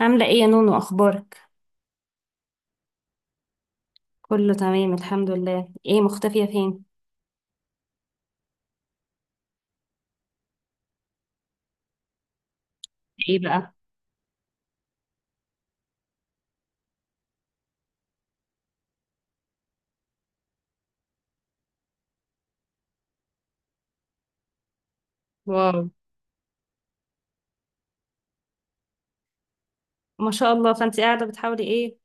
عاملة ايه يا نونو؟ اخبارك؟ كله تمام الحمد لله. ايه مختفية فين؟ ايه بقى؟ واو، ما شاء الله. فانت قاعدة بتحاولي ايه؟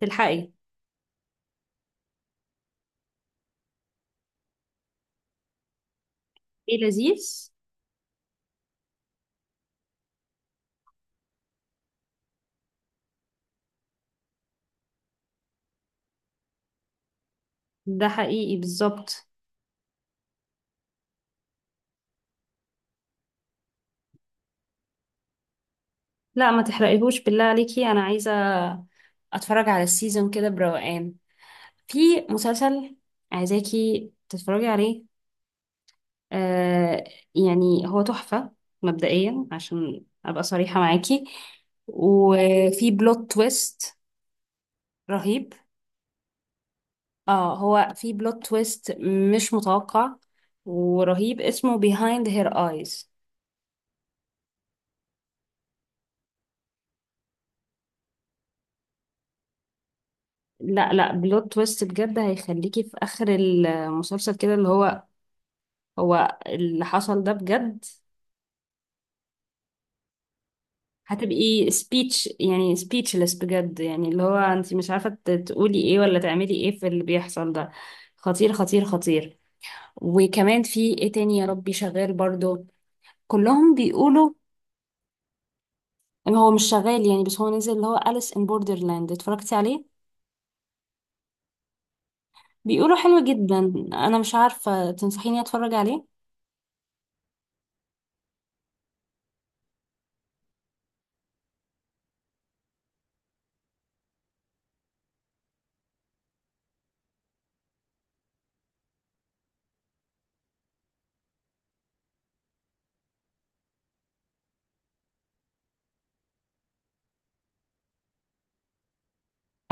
تلحقي. ايه لذيذ. ده حقيقي بالظبط. لا ما تحرقيهوش بالله عليكي، انا عايزة اتفرج على السيزون كده بروقان. في مسلسل عايزاكي تتفرجي عليه. آه يعني هو تحفة مبدئيا، عشان ابقى صريحة معاكي، وفي بلوت تويست رهيب. اه هو في بلوت تويست مش متوقع ورهيب، اسمه Behind Her Eyes. لا لا، بلوت تويست بجد هيخليكي في اخر المسلسل كده، اللي هو هو اللي حصل ده بجد؟ هتبقي سبيتش، يعني سبيتشلess بجد، يعني اللي هو انت مش عارفة تقولي ايه ولا تعملي ايه في اللي بيحصل ده. خطير خطير خطير. وكمان في ايه تاني يا ربي شغال برضو؟ كلهم بيقولوا ان هو مش شغال يعني، بس هو نزل اللي هو أليس ان بوردرلاند، اتفرجتي عليه؟ بيقولوا حلو جدا، انا مش عارفة، تنصحيني اتفرج عليه؟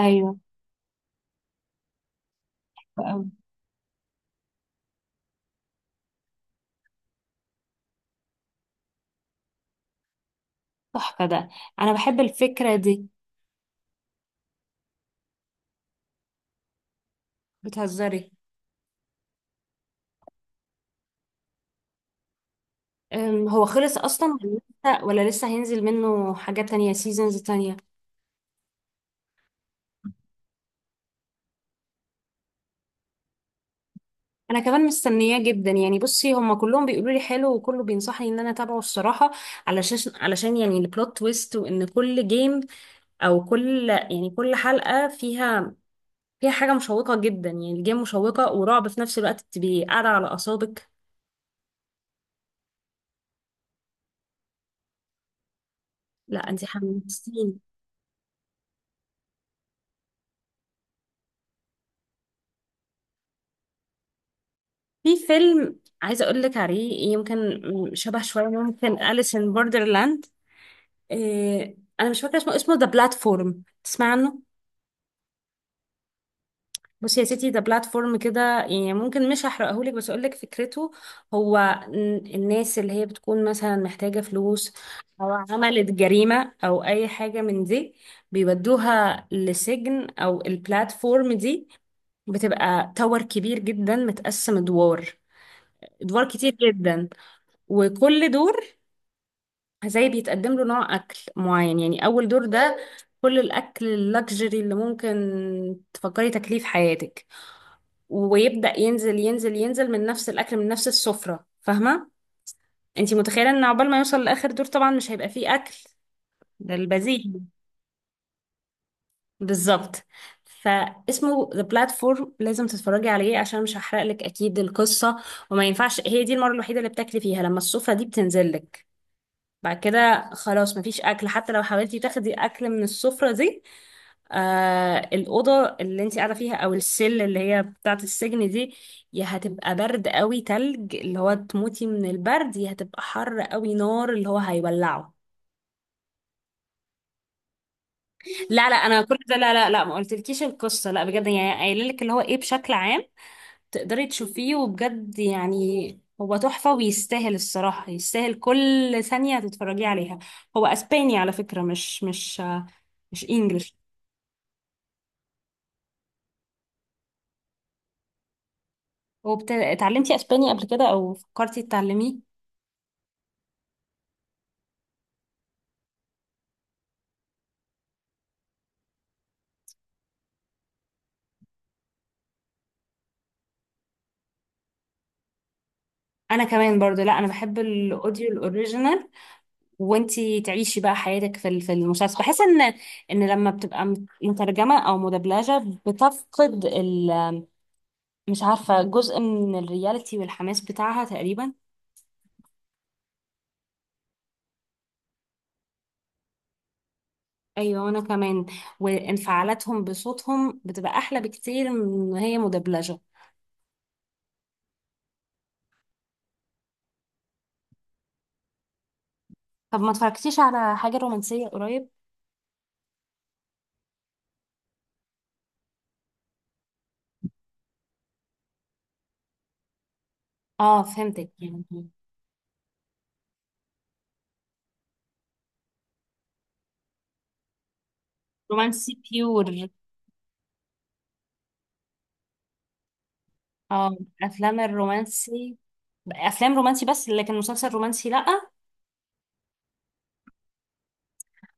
ايوه، أوي. تحفه ده، انا بحب الفكره دي. بتهزري؟ هو خلص اصلا ولا لسه، ولا لسه هينزل منه حاجات تانية، سيزونز تانية؟ انا كمان مستنياه جدا يعني. بصي، هما كلهم بيقولوا لي حلو، وكله بينصحني ان انا اتابعه الصراحه، علشان يعني البلوت تويست، وان كل جيم، او كل يعني كل حلقه فيها فيها حاجه مشوقه جدا. يعني الجيم مشوقه ورعب في نفس الوقت، بتبقي قاعده على اعصابك. لا انت حمستيني. في فيلم عايزه اقول لك عليه، يمكن شبه شويه ممكن أليس ان بوردرلاند. إيه انا مش فاكره اسمه، اسمه ذا بلاتفورم، تسمع عنه؟ بصي يا ستي، ذا بلاتفورم كده يعني، ممكن مش هحرقه لك بس اقول لك فكرته. هو الناس اللي هي بتكون مثلا محتاجه فلوس، او عملت جريمه او اي حاجه من دي، بيودوها لسجن او البلاتفورم دي. بتبقى تاور كبير جدا، متقسم ادوار، ادوار كتير جدا. وكل دور زي بيتقدم له نوع اكل معين. يعني اول دور ده كل الاكل اللكجري اللي ممكن تفكري تاكليه في حياتك، ويبدا ينزل ينزل ينزل من نفس الاكل، من نفس السفره، فاهمه؟ انتي متخيله ان عقبال ما يوصل لاخر دور طبعا مش هيبقى فيه اكل. ده البذيء. بالظبط. فاسمه ذا بلاتفورم، لازم تتفرجي عليه، عشان مش هحرق لك اكيد القصه. وما ينفعش، هي دي المره الوحيده اللي بتاكلي فيها، لما السفره دي بتنزل لك. بعد كده خلاص مفيش اكل، حتى لو حاولتي تاخدي اكل من السفرة دي. آه، الأوضة اللي انت قاعدة فيها، أو السل اللي هي بتاعة السجن دي، يا هتبقى برد قوي تلج، اللي هو تموتي من البرد، يا هتبقى حر قوي نار، اللي هو هيولعه. لا لا، أنا كل ده لا لا لا، ما قلتلكيش القصة، لا بجد يعني، قايلة لك اللي هو إيه بشكل عام. تقدري تشوفيه، وبجد يعني هو تحفة، ويستاهل الصراحة، يستاهل كل ثانية تتفرجي عليها. هو اسباني على فكرة، مش مش انجلش. اتعلمتي اسباني قبل كده، او فكرتي تتعلميه؟ انا كمان برضو، لا انا بحب الاوديو الاوريجينال. وانتي تعيشي بقى حياتك في في المسلسل. بحس ان ان لما بتبقى مترجمة او مدبلجة، بتفقد ال، مش عارفة، جزء من الرياليتي والحماس بتاعها تقريبا. ايوه، وانا كمان. وانفعالاتهم بصوتهم بتبقى احلى بكتير من ما هي مدبلجه. طب ما اتفرجتيش على حاجه رومانسيه قريب؟ اه فهمتك يعني. رومانسي بيور؟ اه. افلام الرومانسي. افلام رومانسي بس، لكن مسلسل رومانسي لا.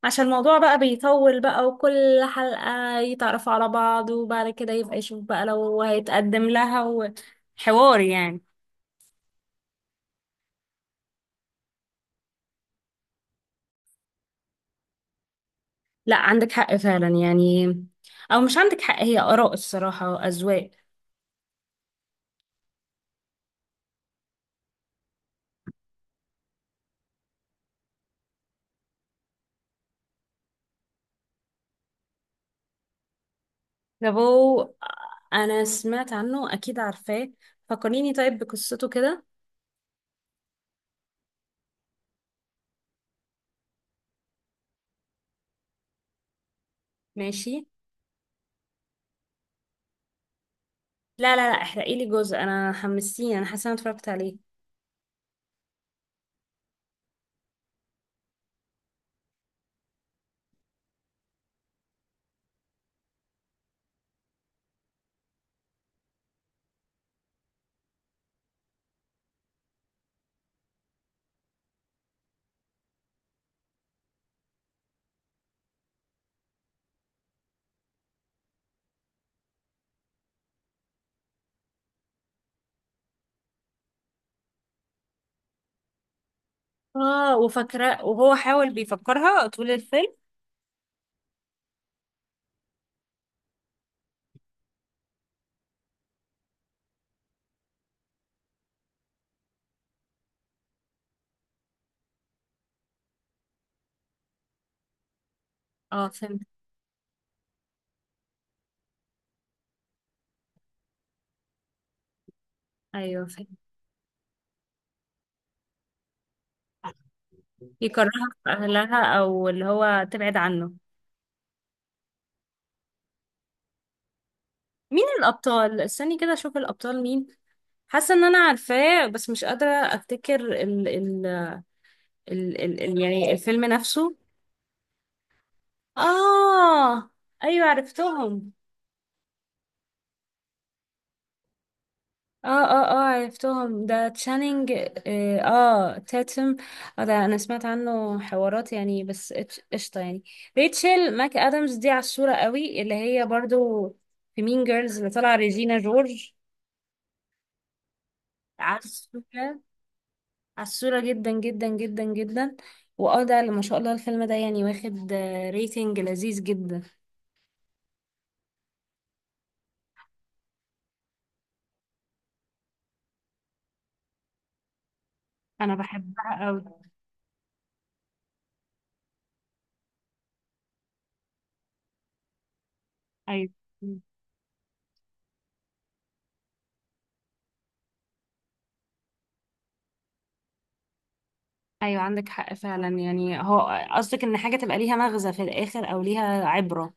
عشان الموضوع بقى بيطول بقى، وكل حلقه يتعرفوا على بعض، وبعد كده يبقى يشوف بقى لو هيتقدم لها، وحوار يعني. لا عندك حق فعلا يعني، او مش عندك حق، هي اراء الصراحه واذواق. لابو. انا سمعت عنه، اكيد عارفاه. فكريني طيب بقصته كده. ماشي. لا لا لا، احرقي لي جزء، انا حمستيني، انا حاسه انا اتفرجت عليه. اه وفاكره، وهو حاول بيفكرها طول الفيلم. اه فهمت. ايوه فهمت. يكرهها في اهلها، او اللي هو تبعد عنه. مين الابطال؟ استني كده اشوف الابطال مين. حاسه ان انا عارفاه، بس مش قادره افتكر ال يعني الفيلم نفسه. اه. ايوه عرفتهم. اه اه اه عرفتهم، ده تشانينج تاتم. اه ده انا سمعت عنه حوارات يعني، بس قشطة يعني. ريتشل ماك ادمز دي عالصورة قوي، اللي هي برضو في مين جيرلز اللي طالعة ريجينا جورج. عالصورة. عالصورة جدا جدا جدا جدا. واه ده اللي ما شاء الله، الفيلم ده يعني واخد ريتنج لذيذ جدا. انا بحبها قوي. ايوه. ايوه عندك حق فعلا يعني، هو قصدك ان حاجة تبقى ليها مغزى في الاخر او ليها عبرة.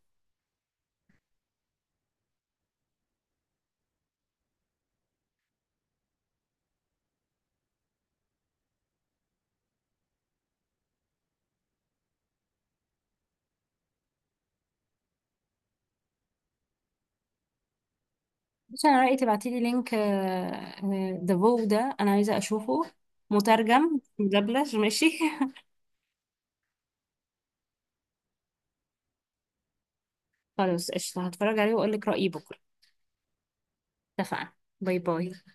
بس انا رايي تبعتيلي لينك ذا فو ده، انا عايزه اشوفه، مترجم مدبلج ماشي. خلاص قشطه، هتفرج عليه واقول لك رايي بكره. اتفقنا. باي باي.